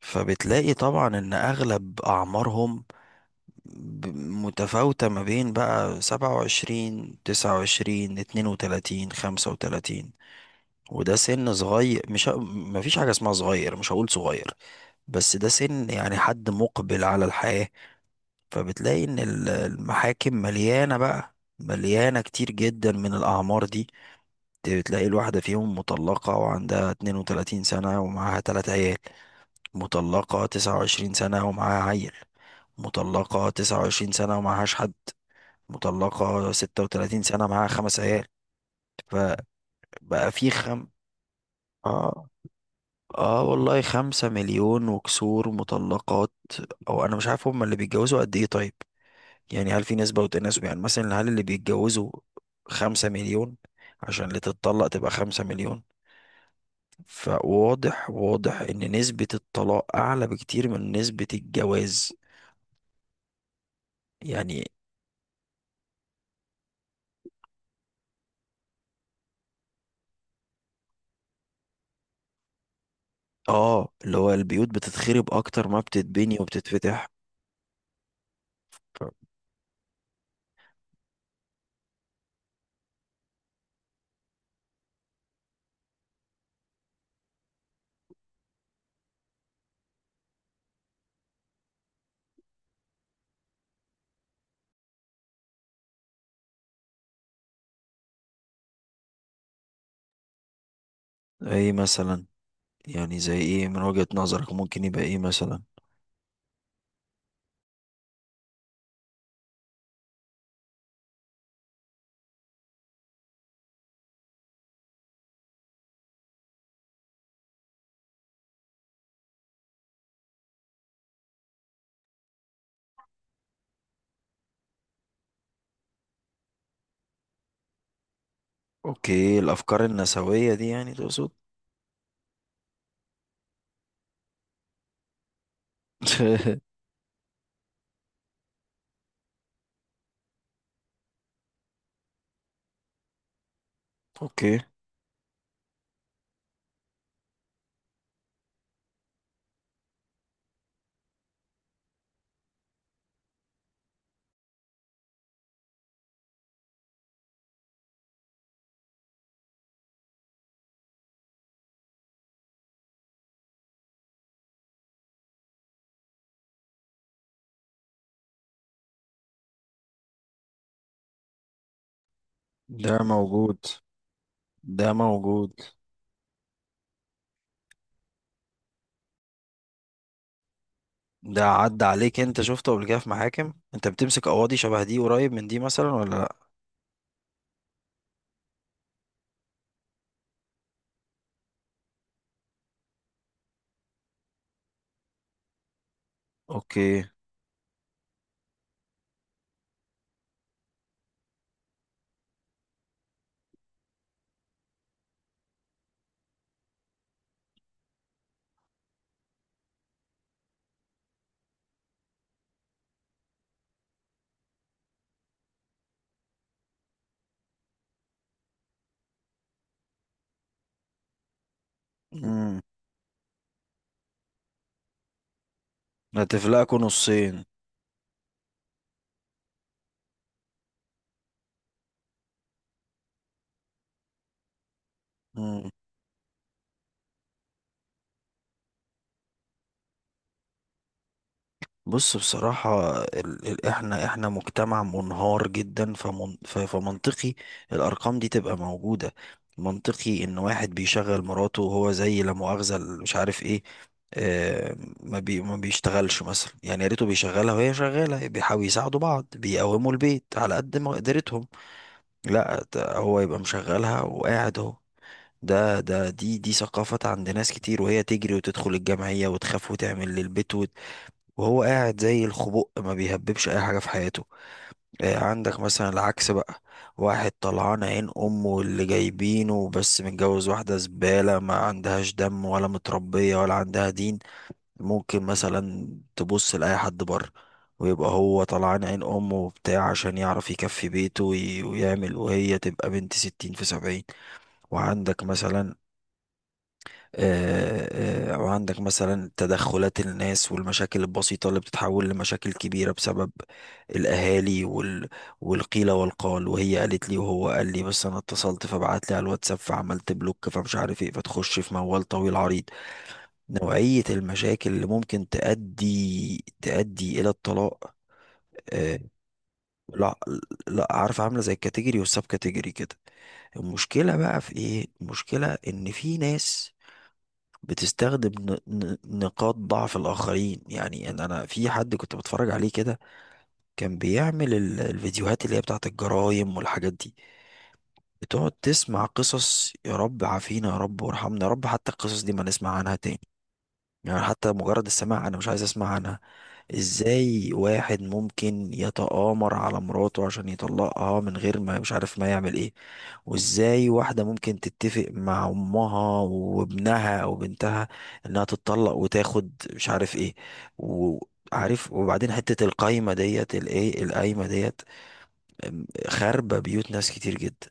فبتلاقي طبعا ان اغلب اعمارهم متفاوتة ما بين بقى سبعة وعشرين، تسعة وعشرين، اتنين وتلاتين، خمسة وتلاتين. وده سن صغير، مش ه- مفيش حاجة اسمها صغير، مش هقول صغير، بس ده سن يعني حد مقبل على الحياة. فبتلاقي ان المحاكم مليانة، بقى مليانة كتير جدا من الأعمار دي. بتلاقي الواحدة فيهم مطلقة وعندها 32 سنة ومعاها تلات عيال، مطلقة تسعة وعشرين سنة ومعاها عيل، مطلقة تسعة وعشرين سنة ومعهاش حد، مطلقة ستة وتلاتين سنة معاها خمس عيال. فبقى في خم اه. اه والله، خمسة مليون وكسور مطلقات. او انا مش عارف هما اللي بيتجوزوا قد ايه. طيب، يعني هل في نسبة وتناسب؟ يعني مثلا هل اللي بيتجوزوا خمسة مليون عشان اللي تتطلق تبقى خمسة مليون؟ فواضح، واضح ان نسبة الطلاق اعلى بكتير من نسبة الجواز يعني. اه، اللي هو البيوت بتتخرب اكتر ما بتتبني وبتتفتح. ف- ايه مثلا؟ يعني زي ايه من وجهة نظرك ممكن يبقى ايه مثلا؟ اوكي، الافكار النسوية دي يعني تقصد؟ اوكي. ده موجود، ده موجود. ده عدى عليك؟ انت شفته قبل كده في محاكم؟ انت بتمسك قواضي شبه دي، قريب من دي مثلا ولا لا؟ اوكي. امم هتفلقكوا نصين. بص، بصراحة احنا مجتمع منهار جدا، فمنطقي الأرقام دي تبقى موجودة. منطقي إن واحد بيشغل مراته وهو زي لا مؤاخذة مش عارف ايه، آه، ما بيشتغلش مثلا، يعني يا ريته بيشغلها وهي شغالة، بيحاولوا يساعدوا بعض بيقوموا البيت على قد ما قدرتهم. لا، ده هو يبقى مشغلها وقاعد اهو. ده دي ثقافة عند ناس كتير، وهي تجري وتدخل الجمعية وتخاف وتعمل للبيت، وهو قاعد زي الخبق ما بيهببش اي حاجه في حياته. عندك مثلا العكس بقى، واحد طلعان عين امه اللي جايبينه بس متجوز واحده زباله ما عندهاش دم ولا متربيه ولا عندها دين، ممكن مثلا تبص لاي حد بره. ويبقى هو طلعان عين امه وبتاع عشان يعرف يكفي بيته ويعمل، وهي تبقى بنت ستين في سبعين. وعندك مثلا، وعندك مثلا تدخلات الناس والمشاكل البسيطة اللي بتتحول لمشاكل كبيرة بسبب الأهالي والقيل والقال، وهي قالت لي وهو قال لي، بس أنا اتصلت فبعت لي على الواتساب فعملت بلوك فمش عارف إيه، فتخش في موال طويل عريض. نوعية المشاكل اللي ممكن تؤدي إلى الطلاق، آه، لا لا، عارف، عاملة زي الكاتيجوري والسب كاتيجوري كده. المشكلة بقى في إيه؟ المشكلة إن في ناس بتستخدم ن- نقاط ضعف الآخرين. يعني أنا في حد كنت بتفرج عليه كده، كان بيعمل الفيديوهات اللي هي بتاعت الجرايم والحاجات دي. بتقعد تسمع قصص، يا رب عافينا يا رب وارحمنا يا رب حتى القصص دي ما نسمع عنها تاني. يعني حتى مجرد السماع انا مش عايز اسمع عنها. ازاي واحد ممكن يتآمر على مراته عشان يطلقها من غير ما مش عارف ما يعمل ايه؟ وازاي واحدة ممكن تتفق مع امها وابنها او بنتها انها تتطلق وتاخد مش عارف ايه؟ وعارف؟ وبعدين حتة القايمة ديت، الايه، القايمة ديت. خاربة بيوت ناس كتير جدا.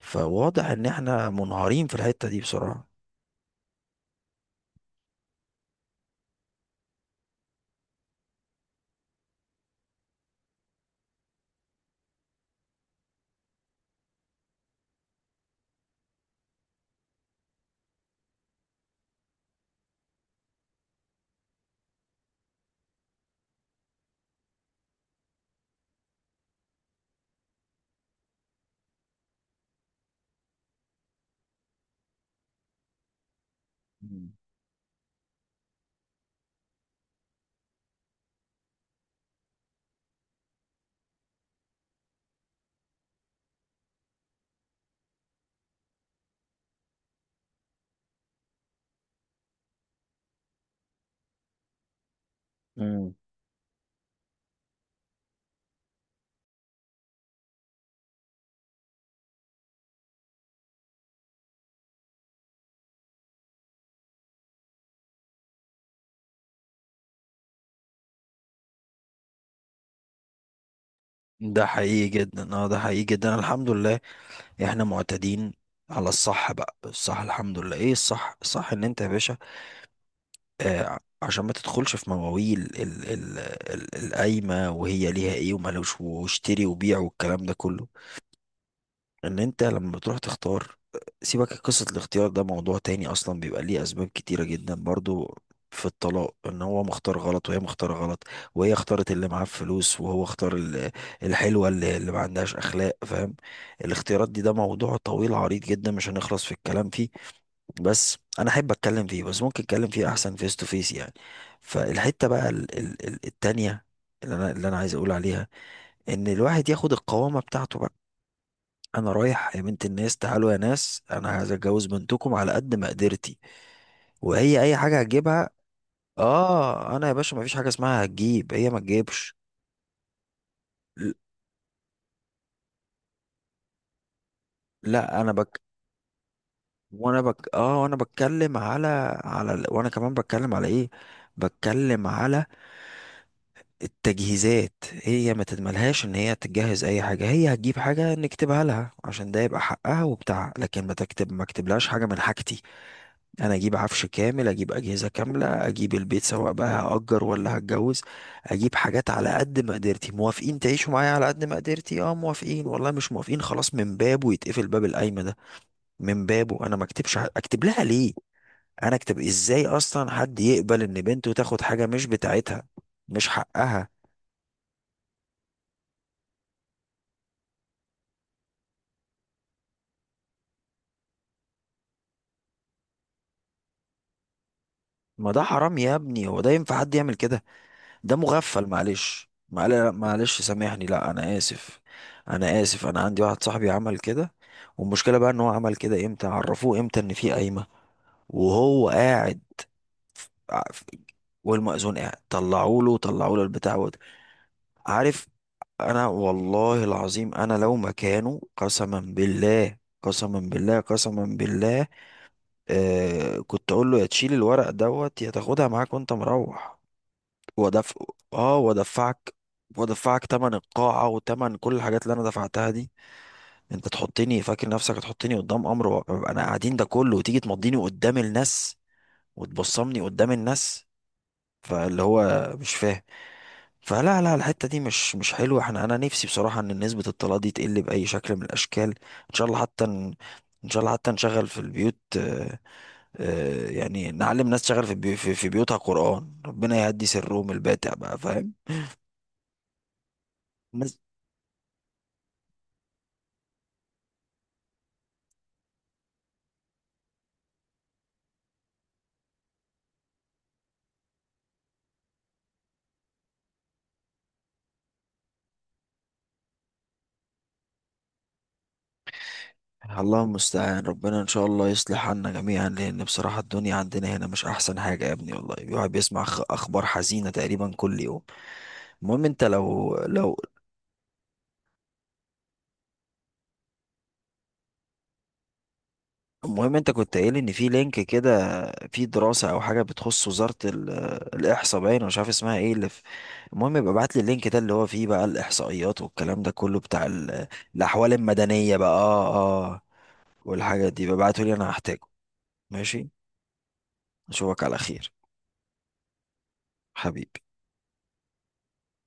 فواضح ان احنا منهارين في الحتة دي بسرعة. مم. ده حقيقي جدا، اه، ده حقيقي جدا، الحمد لله. احنا معتادين على الصح، بقى الصح الحمد لله. ايه الصح؟ الصح ان انت يا باشا، آه، عشان ما تدخلش في مواويل القايمة وهي ليها ايه ومالوش واشتري وبيع والكلام ده كله، ان انت لما بتروح تختار، سيبك قصة الاختيار، ده موضوع تاني اصلا بيبقى ليه اسباب كتيرة جدا برضو في الطلاق، ان هو مختار غلط وهي مختارة غلط، وهي اختارت اللي معاه فلوس وهو اختار الحلوة اللي ما عندهاش اخلاق، فاهم؟ الاختيارات دي ده موضوع طويل عريض جدا، مش هنخلص في الكلام فيه، بس انا احب اتكلم فيه، بس ممكن اتكلم فيه احسن فيس تو فيس يعني. فالحتة بقى التانية، اللي انا عايز اقول عليها، ان الواحد ياخد القوامة بتاعته بقى. انا رايح يا بنت الناس، تعالوا يا ناس، انا عايز اتجوز بنتكم على قد مقدرتي، وهي اي حاجه هتجيبها. اه، انا يا باشا ما فيش حاجه اسمها هتجيب، هي ما تجيبش. ل- لا، انا بك، وانا بك، اه، وانا بتكلم على وانا كمان بتكلم على ايه، بتكلم على التجهيزات. هي ما تتملهاش ان هي تجهز اي حاجه، هي هتجيب حاجه نكتبها لها عشان ده يبقى حقها وبتاعها، لكن ما اكتبلهاش حاجه من حاجتي. انا اجيب عفش كامل، اجيب اجهزه كامله، اجيب البيت سواء بقى هاجر ولا هتجوز، اجيب حاجات على قد مقدرتي. موافقين تعيشوا معايا على قد مقدرتي؟ اه موافقين، والله مش موافقين، خلاص من بابه يتقفل باب القايمه ده، من بابه انا ما اكتبش. اكتب لها ليه؟ انا اكتب ازاي اصلا؟ حد يقبل ان بنته تاخد حاجه مش بتاعتها، مش حقها؟ ما ده حرام يا ابني، هو ده ينفع حد يعمل كده؟ ده مغفل، معلش، معلش سامحني، لا انا اسف. انا اسف، انا عندي واحد صاحبي عمل كده، والمشكله بقى ان هو عمل كده، امتى عرفوه؟ امتى ان في قايمه وهو قاعد؟ ف- ع- ف- والمأذون قاعد، طلعوا له البتاع عارف. انا والله العظيم، انا لو مكانه، قسما بالله، قسما بالله، قسما بالله، كنت اقول له يا تشيل الورق دوت يا تاخدها معاك وانت مروح. ودف اه، وادفعك تمن القاعة وتمن كل الحاجات اللي انا دفعتها دي. انت تحطني فاكر نفسك هتحطني قدام امر واقع؟ انا قاعدين ده كله وتيجي تمضيني قدام الناس وتبصمني قدام الناس؟ فاللي هو مش فاهم. فلا لا، الحتة دي مش حلوة. انا نفسي بصراحة ان نسبة الطلاق دي تقل بأي شكل من الاشكال. ان شاء الله حتى ن- ان شاء الله حتى نشغل في البيوت، يعني نعلم ناس تشغل في في بيوتها قرآن. ربنا يهدي سرهم الباتع بقى، فاهم؟ الله المستعان، ربنا ان شاء الله يصلح عنا جميعا، لان بصراحة الدنيا عندنا هنا مش احسن حاجة يا ابني، والله الواحد بيسمع اخبار حزينة تقريبا كل يوم. المهم انت لو. المهم انت كنت قايل ان في لينك كده، في دراسة او حاجة بتخص وزارة الاحصاء، باين أنا مش عارف اسمها ايه اللي في. المهم يبقى ابعت لي اللينك ده اللي هو فيه بقى الاحصائيات والكلام ده كله بتاع الاحوال المدنية بقى، اه. اه، والحاجات دي ببعته لي انا هحتاجه. ماشي. اشوفك على خير، حبيبي.